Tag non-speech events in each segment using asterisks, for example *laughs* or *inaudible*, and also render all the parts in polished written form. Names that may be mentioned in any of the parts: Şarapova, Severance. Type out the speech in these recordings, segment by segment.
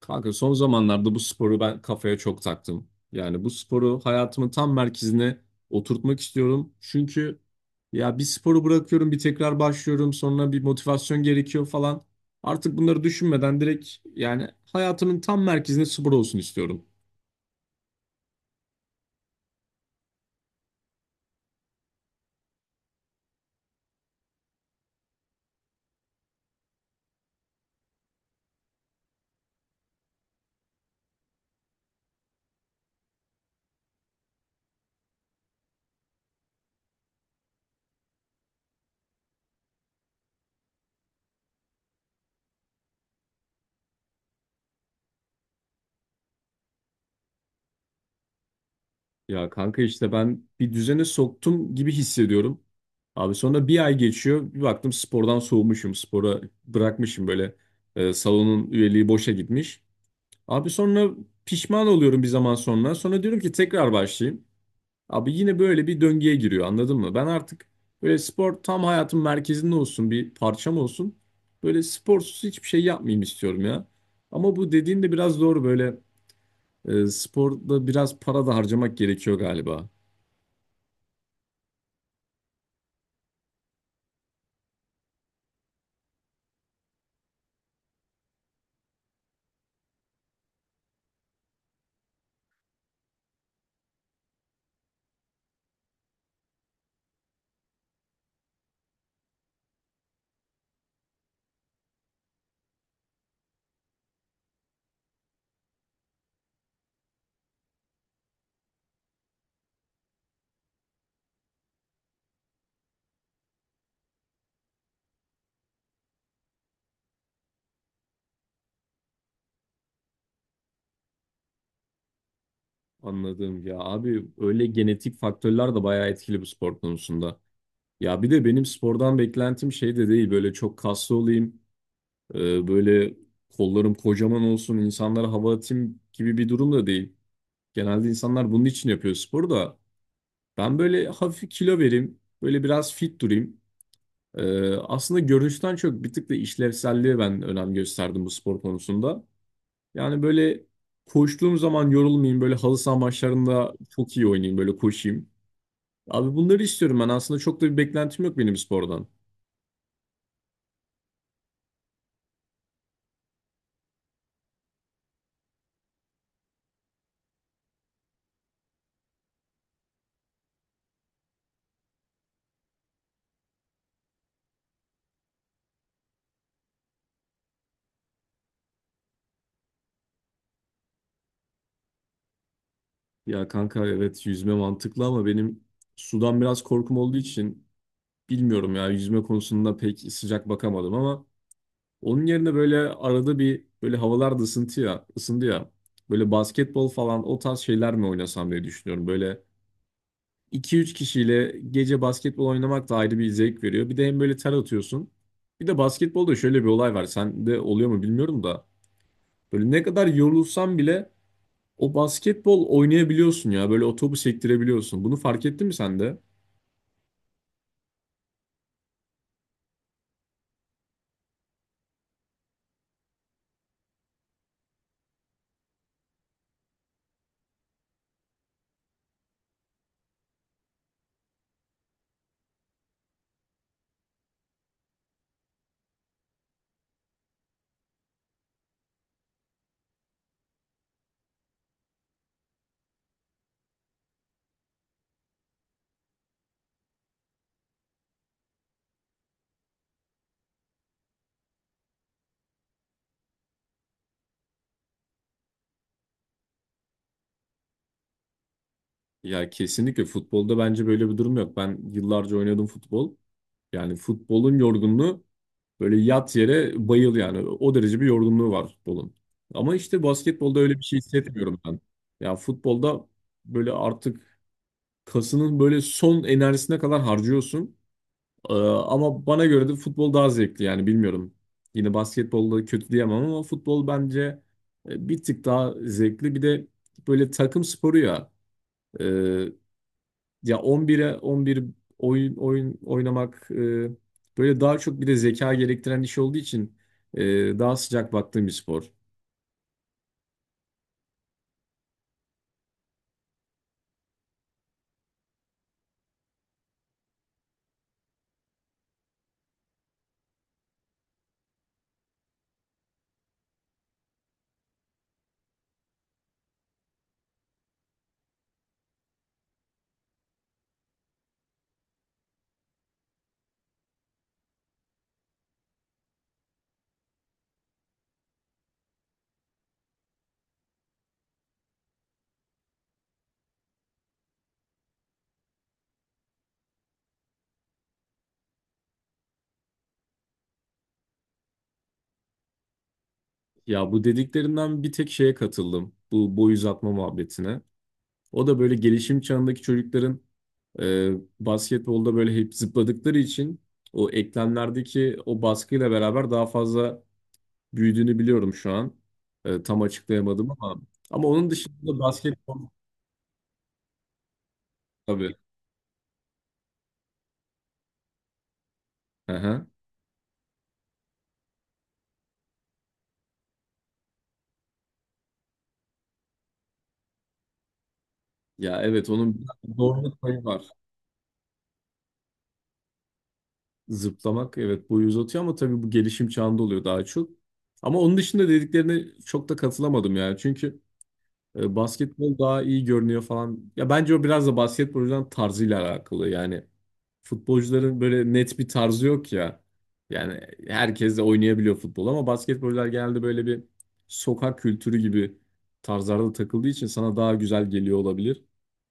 Kanka son zamanlarda bu sporu ben kafaya çok taktım. Yani bu sporu hayatımın tam merkezine oturtmak istiyorum. Çünkü ya bir sporu bırakıyorum, bir tekrar başlıyorum, sonra bir motivasyon gerekiyor falan. Artık bunları düşünmeden direkt yani hayatımın tam merkezine spor olsun istiyorum. Ya kanka işte ben bir düzene soktum gibi hissediyorum. Abi sonra bir ay geçiyor, bir baktım spordan soğumuşum, spora bırakmışım böyle salonun üyeliği boşa gitmiş. Abi sonra pişman oluyorum bir zaman sonra. Sonra diyorum ki tekrar başlayayım. Abi yine böyle bir döngüye giriyor, anladın mı? Ben artık böyle spor tam hayatın merkezinde olsun, bir parçam olsun. Böyle sporsuz hiçbir şey yapmayayım istiyorum ya. Ama bu dediğin de biraz doğru, böyle sporda biraz para da harcamak gerekiyor galiba. Anladım ya abi, öyle genetik faktörler de bayağı etkili bu spor konusunda. Ya bir de benim spordan beklentim şey de değil, böyle çok kaslı olayım. Böyle kollarım kocaman olsun, insanlara hava atayım gibi bir durum da değil. Genelde insanlar bunun için yapıyor sporu da. Ben böyle hafif kilo vereyim, böyle biraz fit durayım. Aslında görünüşten çok bir tık da işlevselliğe ben önem gösterdim bu spor konusunda. Yani böyle koştuğum zaman yorulmayayım, böyle halı saha maçlarında çok iyi oynayayım, böyle koşayım. Abi bunları istiyorum ben, aslında çok da bir beklentim yok benim spordan. Ya kanka evet, yüzme mantıklı ama benim sudan biraz korkum olduğu için bilmiyorum ya, yüzme konusunda pek sıcak bakamadım ama onun yerine böyle arada bir, böyle havalar da ısıntı ya, ısındı ya. Böyle basketbol falan o tarz şeyler mi oynasam diye düşünüyorum. Böyle iki üç kişiyle gece basketbol oynamak da ayrı bir zevk veriyor. Bir de hem böyle ter atıyorsun. Bir de basketbolda şöyle bir olay var. Sende oluyor mu bilmiyorum da. Böyle ne kadar yorulsan bile o basketbol oynayabiliyorsun ya. Böyle o topu sektirebiliyorsun. Bunu fark ettin mi sen de? Ya kesinlikle, futbolda bence böyle bir durum yok. Ben yıllarca oynadım futbol. Yani futbolun yorgunluğu böyle yat yere bayıl, yani o derece bir yorgunluğu var futbolun. Ama işte basketbolda öyle bir şey hissetmiyorum ben. Ya futbolda böyle artık kasının böyle son enerjisine kadar harcıyorsun. Ama bana göre de futbol daha zevkli, yani bilmiyorum. Yine basketbolda kötü diyemem ama futbol bence bir tık daha zevkli. Bir de böyle takım sporu ya. e, Ya 11'e 11 oyun oynamak, böyle daha çok bir de zeka gerektiren iş olduğu için e, daha sıcak baktığım bir spor. Ya bu dediklerinden bir tek şeye katıldım. Bu boy uzatma muhabbetine. O da böyle gelişim çağındaki çocukların e, basketbolda böyle hep zıpladıkları için o eklemlerdeki o baskıyla beraber daha fazla büyüdüğünü biliyorum şu an. E, tam açıklayamadım ama ama onun dışında basketbol tabii. Hı. Ya evet, onun bir doğruluk payı var. Zıplamak evet boyu uzatıyor ama tabii bu gelişim çağında oluyor daha çok. Ama onun dışında dediklerine çok da katılamadım ya. Çünkü basketbol daha iyi görünüyor falan. Ya bence o biraz da basketbolcuların tarzıyla alakalı. Yani futbolcuların böyle net bir tarzı yok ya. Yani herkes de oynayabiliyor futbol ama basketbolcular genelde böyle bir sokak kültürü gibi tarzlarda takıldığı için sana daha güzel geliyor olabilir.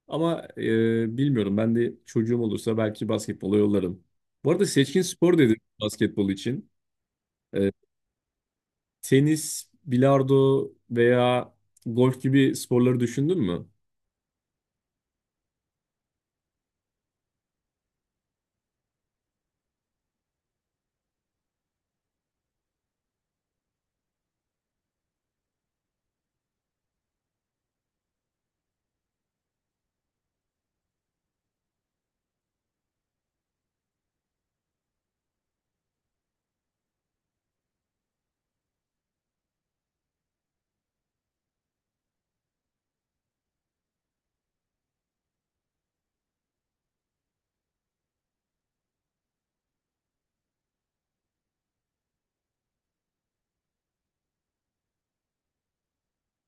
Ama bilmiyorum, ben de çocuğum olursa belki basketbola yollarım. Bu arada seçkin spor dedim basketbol için. E, tenis, bilardo veya golf gibi sporları düşündün mü?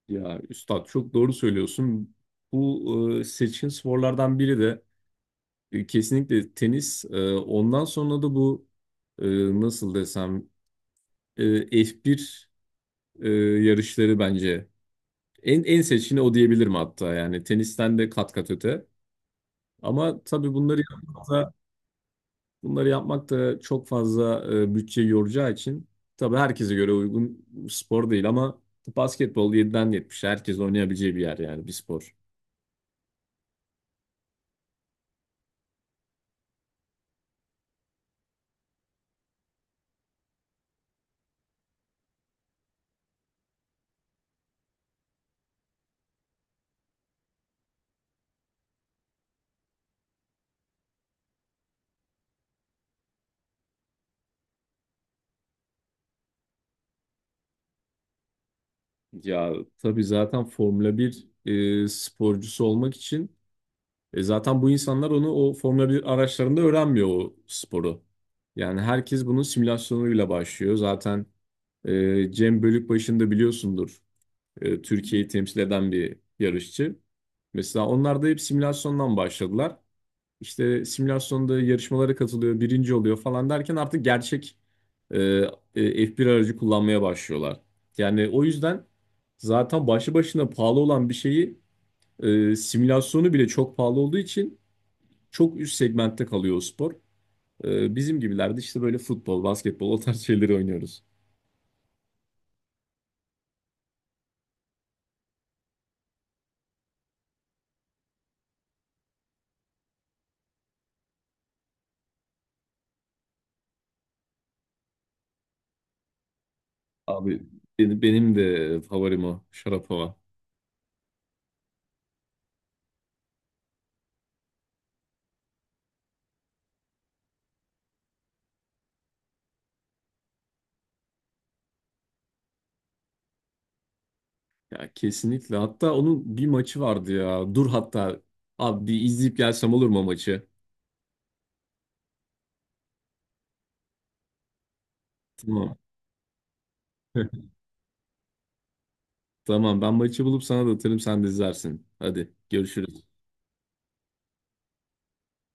Ya üstad çok doğru söylüyorsun. Bu seçkin sporlardan biri de kesinlikle tenis. E, ondan sonra da bu e, nasıl desem e, F1 e, yarışları bence en en seçkini o diyebilirim, hatta yani tenisten de kat kat öte. Ama tabii bunları yapmak da çok fazla bütçe yoracağı için tabii herkese göre uygun spor değil ama basketbol 7'den 70'e herkes oynayabileceği bir yer, yani bir spor. Ya tabii zaten Formula bir sporcusu olmak için zaten bu insanlar onu o Formula bir araçlarında öğrenmiyor o sporu. Yani herkes bunun simülasyonuyla başlıyor. Zaten Cem Bölükbaşı'nı da biliyorsundur. Türkiye'yi temsil eden bir yarışçı. Mesela onlar da hep simülasyondan başladılar. İşte simülasyonda yarışmalara katılıyor, birinci oluyor falan derken artık gerçek e, F1 aracı kullanmaya başlıyorlar. Yani o yüzden zaten başlı başına pahalı olan bir şeyi simülasyonu bile çok pahalı olduğu için çok üst segmentte kalıyor o spor. E, bizim gibilerde işte böyle futbol, basketbol o tarz şeyleri oynuyoruz. Abi benim de favorim o. Şarapova. Ya kesinlikle. Hatta onun bir maçı vardı ya. Dur hatta abi bir izleyip gelsem olur mu o maçı? Tamam. *laughs* Tamam, ben maçı bulup sana da atarım, sen de izlersin. Hadi görüşürüz.